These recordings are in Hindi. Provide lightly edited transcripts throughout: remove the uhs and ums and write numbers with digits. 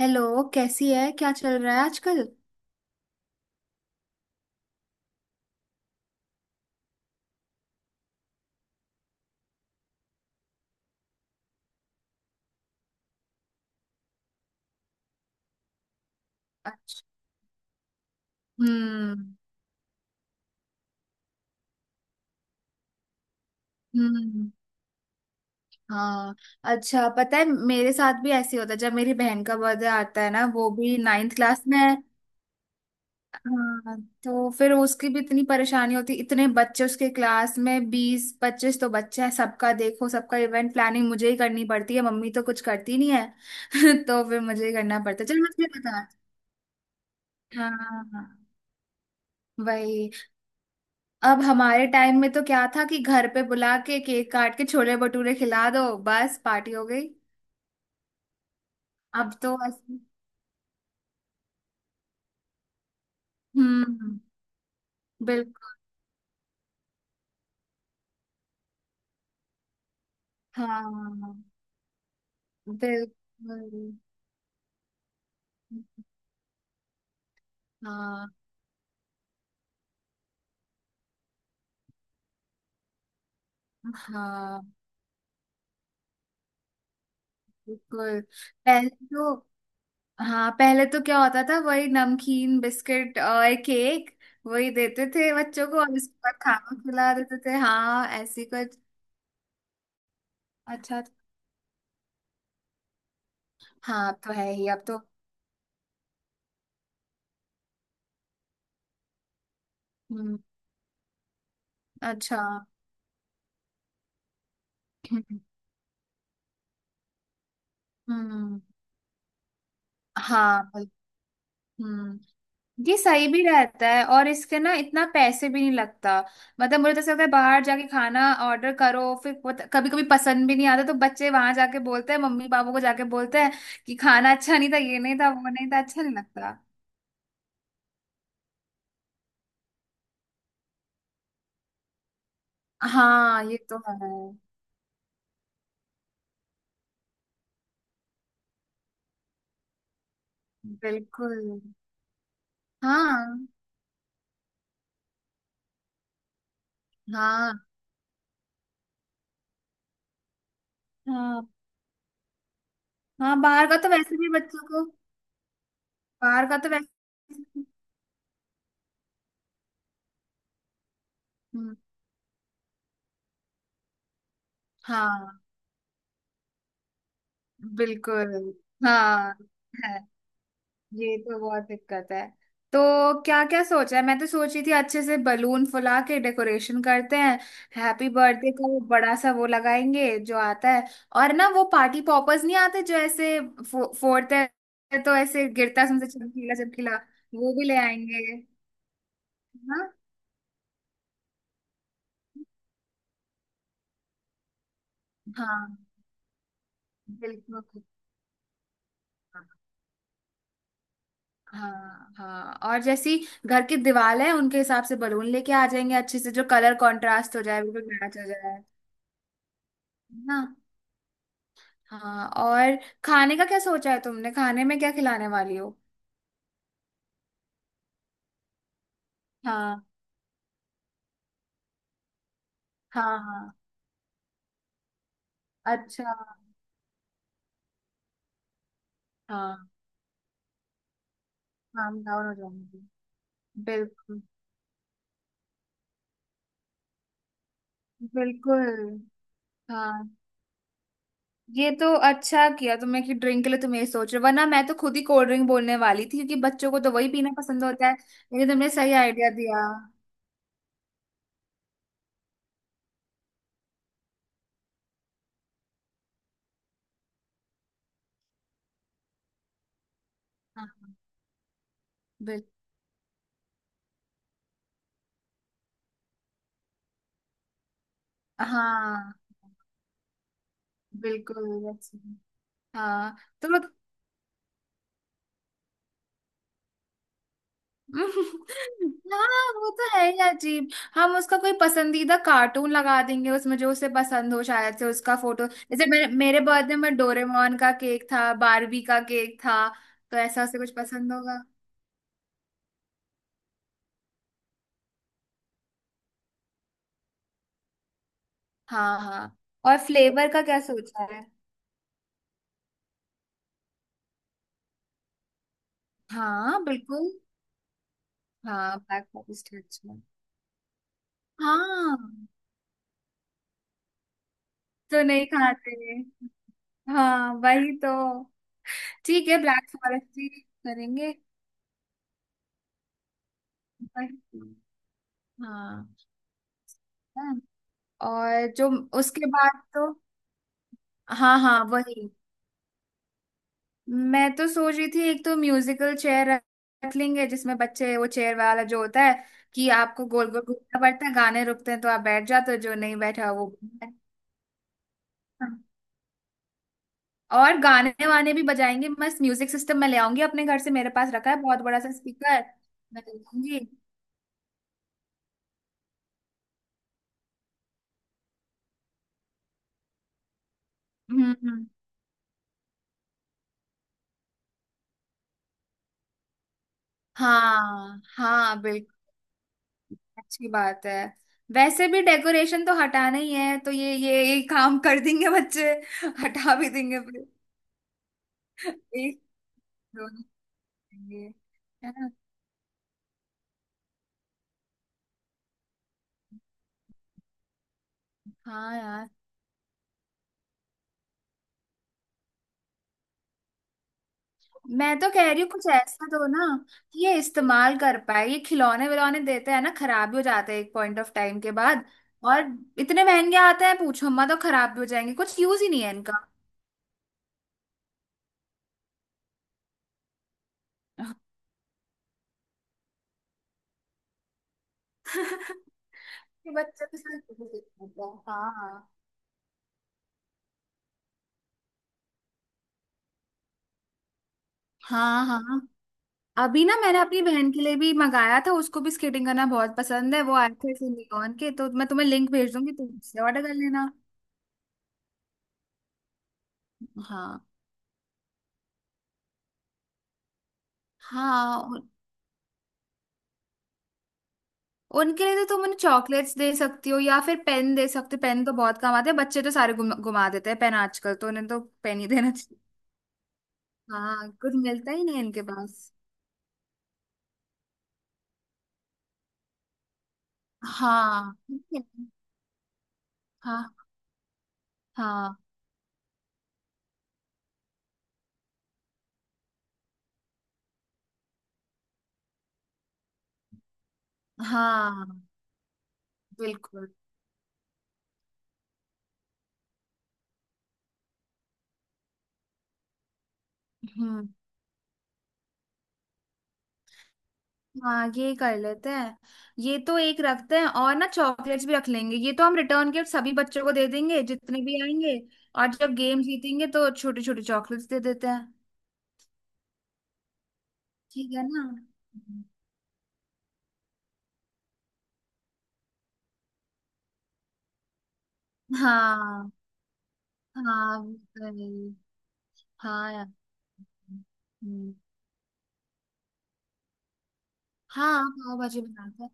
हेलो। कैसी है, क्या चल रहा है आजकल? अच्छा। हम्म। हम्म। हाँ। अच्छा, पता है मेरे साथ भी ऐसे ही होता है, जब मेरी बहन का बर्थडे आता है ना, वो भी नाइन्थ क्लास में है। हाँ, तो फिर उसकी भी इतनी परेशानी होती, इतने बच्चे उसके क्लास में, 20-25 तो बच्चे हैं। सबका देखो, सबका इवेंट प्लानिंग मुझे ही करनी पड़ती है, मम्मी तो कुछ करती नहीं है। तो फिर मुझे ही करना पड़ता है। चल मुझे बता। हाँ। हाँ, वही। अब हमारे टाइम में तो क्या था कि घर पे बुला के केक काट के छोले भटूरे खिला दो, बस पार्टी हो गई। अब तो ऐसे। हम्म। बिल्कुल। हाँ। बिल्कुल। हाँ। हाँ। बिल्कुल। पहले तो हाँ, पहले तो क्या होता था, वही नमकीन बिस्किट और केक। वही देते थे बच्चों को, और उसके बाद खाना खिला देते थे। हाँ, ऐसी कुछ। अच्छा। हाँ तो है ही, अब तो। हम्म। अच्छा। हम्म। हम्म। हाँ बिल- हम्म। ये सही भी रहता है, और इसके ना इतना पैसे भी नहीं लगता। मतलब मुझे तो ऐसा लगता है बाहर जाके खाना ऑर्डर करो, फिर कभी कभी पसंद भी नहीं आता, तो बच्चे वहां जाके बोलते हैं, मम्मी पापा को जाके बोलते हैं कि खाना अच्छा नहीं था, ये नहीं था, वो नहीं था, अच्छा नहीं लगता। हाँ, ये तो है। बिल्कुल। हाँ, हाँ, हाँ, हाँ, बाहर का तो वैसे भी बच्चों को। बाहर का तो वैसे। हम्म। हाँ, बिल्कुल। हाँ, ये तो बहुत दिक्कत है। तो क्या क्या सोचा है? मैं तो सोच रही थी अच्छे से बलून फुला के डेकोरेशन करते हैं, हैप्पी बर्थडे का वो बड़ा सा वो लगाएंगे जो आता है। और ना, वो पार्टी पॉपर्स नहीं आते जो ऐसे फोड़ते हैं, तो ऐसे गिरता है उसमें से चमकीला चमकीला, वो भी ले आएंगे। हाँ। हाँ, बिल्कुल। हाँ, हाँ, और जैसी घर की दीवार है उनके हिसाब से बलून लेके आ जाएंगे, अच्छे से जो कलर कंट्रास्ट हो जाए, बिल्कुल मैच हो जाए ना। हाँ, और खाने का क्या सोचा है तुमने? खाने में क्या खिलाने वाली हो? हाँ। हाँ। हाँ। अच्छा। हाँ, काम डाउन हो जाऊंगी। बिल्कुल। बिल्कुल। हाँ, ये तो अच्छा किया तुमने कि ड्रिंक के लिए तुम ये सोच रहे हो, वरना मैं तो खुद ही कोल्ड ड्रिंक बोलने वाली थी, क्योंकि बच्चों को तो वही पीना पसंद होता है, लेकिन तुमने सही आइडिया दिया। हाँ बिल हाँ, बिल्कुल वैसे। हाँ तो... हाँ, वो तो है ही अजीब। हम उसका कोई पसंदीदा कार्टून लगा देंगे उसमें, जो उसे पसंद हो, शायद से उसका फोटो जैसे, मेरे बर्थडे में डोरेमोन का केक था, बारबी का केक था, तो ऐसा उसे कुछ पसंद होगा। हाँ, हाँ। और फ्लेवर का क्या सोचा है? हाँ, बिल्कुल। हाँ, ब्लैक फॉरेस्ट अच्छा। हाँ, तो नहीं खाते। हाँ, वही तो। ठीक है, ब्लैक फॉरेस्ट ही करेंगे। वही। हाँ, और जो उसके बाद तो... हाँ, हाँ, वही। मैं तो सोच रही थी, एक तो म्यूजिकल चेयर रख लेंगे, जिसमें बच्चे वो चेयर वाला जो होता है कि आपको गोल गोल घूमना पड़ता है, गाने रुकते हैं तो आप बैठ जाते हो, जो नहीं बैठा वो... हाँ। और गाने वाने भी बजाएंगे, मस्त म्यूजिक सिस्टम मैं ले आऊंगी अपने घर से, मेरे पास रखा है बहुत बड़ा सा स्पीकर, मैं ले आऊंगी। हम्म। हम्म। हाँ, हाँ, अच्छी बात है। वैसे भी डेकोरेशन तो हटाना ही है, तो ये काम कर देंगे बच्चे, हटा भी देंगे फिर। एक, दोनों करेंगे, है ना। हाँ यार, मैं तो कह रही हूँ कुछ ऐसा दो ना कि ये इस्तेमाल कर पाए, ये खिलौने विलौने देते हैं ना, खराब भी हो जाते हैं एक पॉइंट ऑफ टाइम के बाद। और इतने महंगे आते हैं पूछो, अम्मा तो खराब भी हो जाएंगे, कुछ यूज ही नहीं है इनका। ये बच्चे के साथ। हाँ, हाँ, हाँ, हाँ। अभी ना मैंने अपनी बहन के लिए भी मंगाया था, उसको भी स्केटिंग करना बहुत पसंद है, वो आए थे सिंडिकॉन के, तो मैं तुम्हें लिंक भेज दूंगी, तुम उससे ऑर्डर कर लेना। हाँ, हाँ, उन- उनके लिए तो तुम उन्हें चॉकलेट्स दे सकती हो, या फिर पेन दे सकते हो, पेन तो बहुत काम आते हैं, बच्चे तो सारे गुमा देते हैं पेन आजकल, तो उन्हें तो पेन ही देना चाहिए। हाँ, कुछ मिलता ही नहीं इनके पास। हाँ, ठीक है। हाँ, हाँ, हाँ, बिल्कुल। हम्म। हाँ, ये कर लेते हैं। ये तो एक रखते हैं, और ना चॉकलेट्स भी रख लेंगे, ये तो हम रिटर्न गिफ्ट सभी बच्चों को दे देंगे जितने भी आएंगे। और जब गेम जीतेंगे तो छोटे छोटे चॉकलेट्स दे देते हैं। ठीक है ना। हाँ, हाँ, वही। हाँ यार। हम्म, हाँ, पाव भाजी बनाते हैं।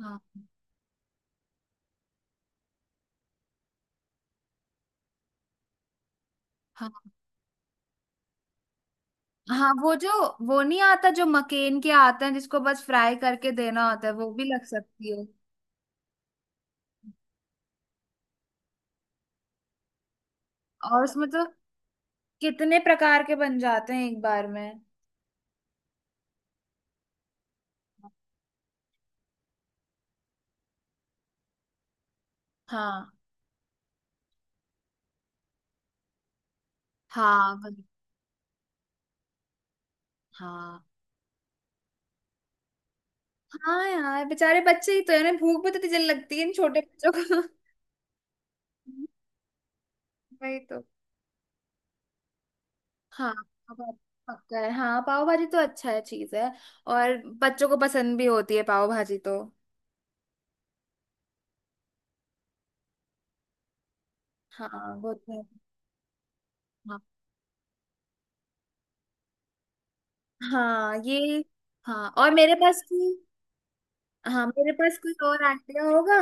हाँ। हाँ, हाँ, वो जो... वो नहीं आता जो मकेन के आते हैं जिसको बस फ्राई करके देना होता है, वो भी लग सकती है। और उसमें तो कितने प्रकार के बन जाते हैं एक बार में। हाँ। हाँ, वही। हाँ, हाँ यार, बेचारे बच्चे ही तो है ना, भूख भी तो इतनी जल्दी लगती है इन छोटे बच्चों को। वही तो। हाँ, पाव भाजी। पक्का है, हाँ पाव भाजी तो अच्छा है चीज है। और बच्चों को पसंद भी होती है पाव भाजी तो। हाँ, वो तो है। हाँ। हाँ, ये... हाँ, और मेरे पास कोई... हाँ, मेरे पास कोई और आइडिया होगा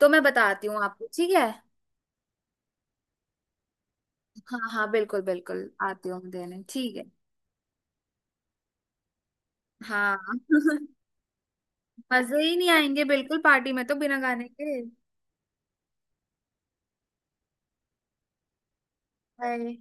तो मैं बताती हूँ आपको, ठीक है। हाँ, हाँ, बिल्कुल बिल्कुल, आती हूँ मैं देने, ठीक है। हाँ। मजे ही नहीं आएंगे बिल्कुल पार्टी में तो बिना गाने के। हाय।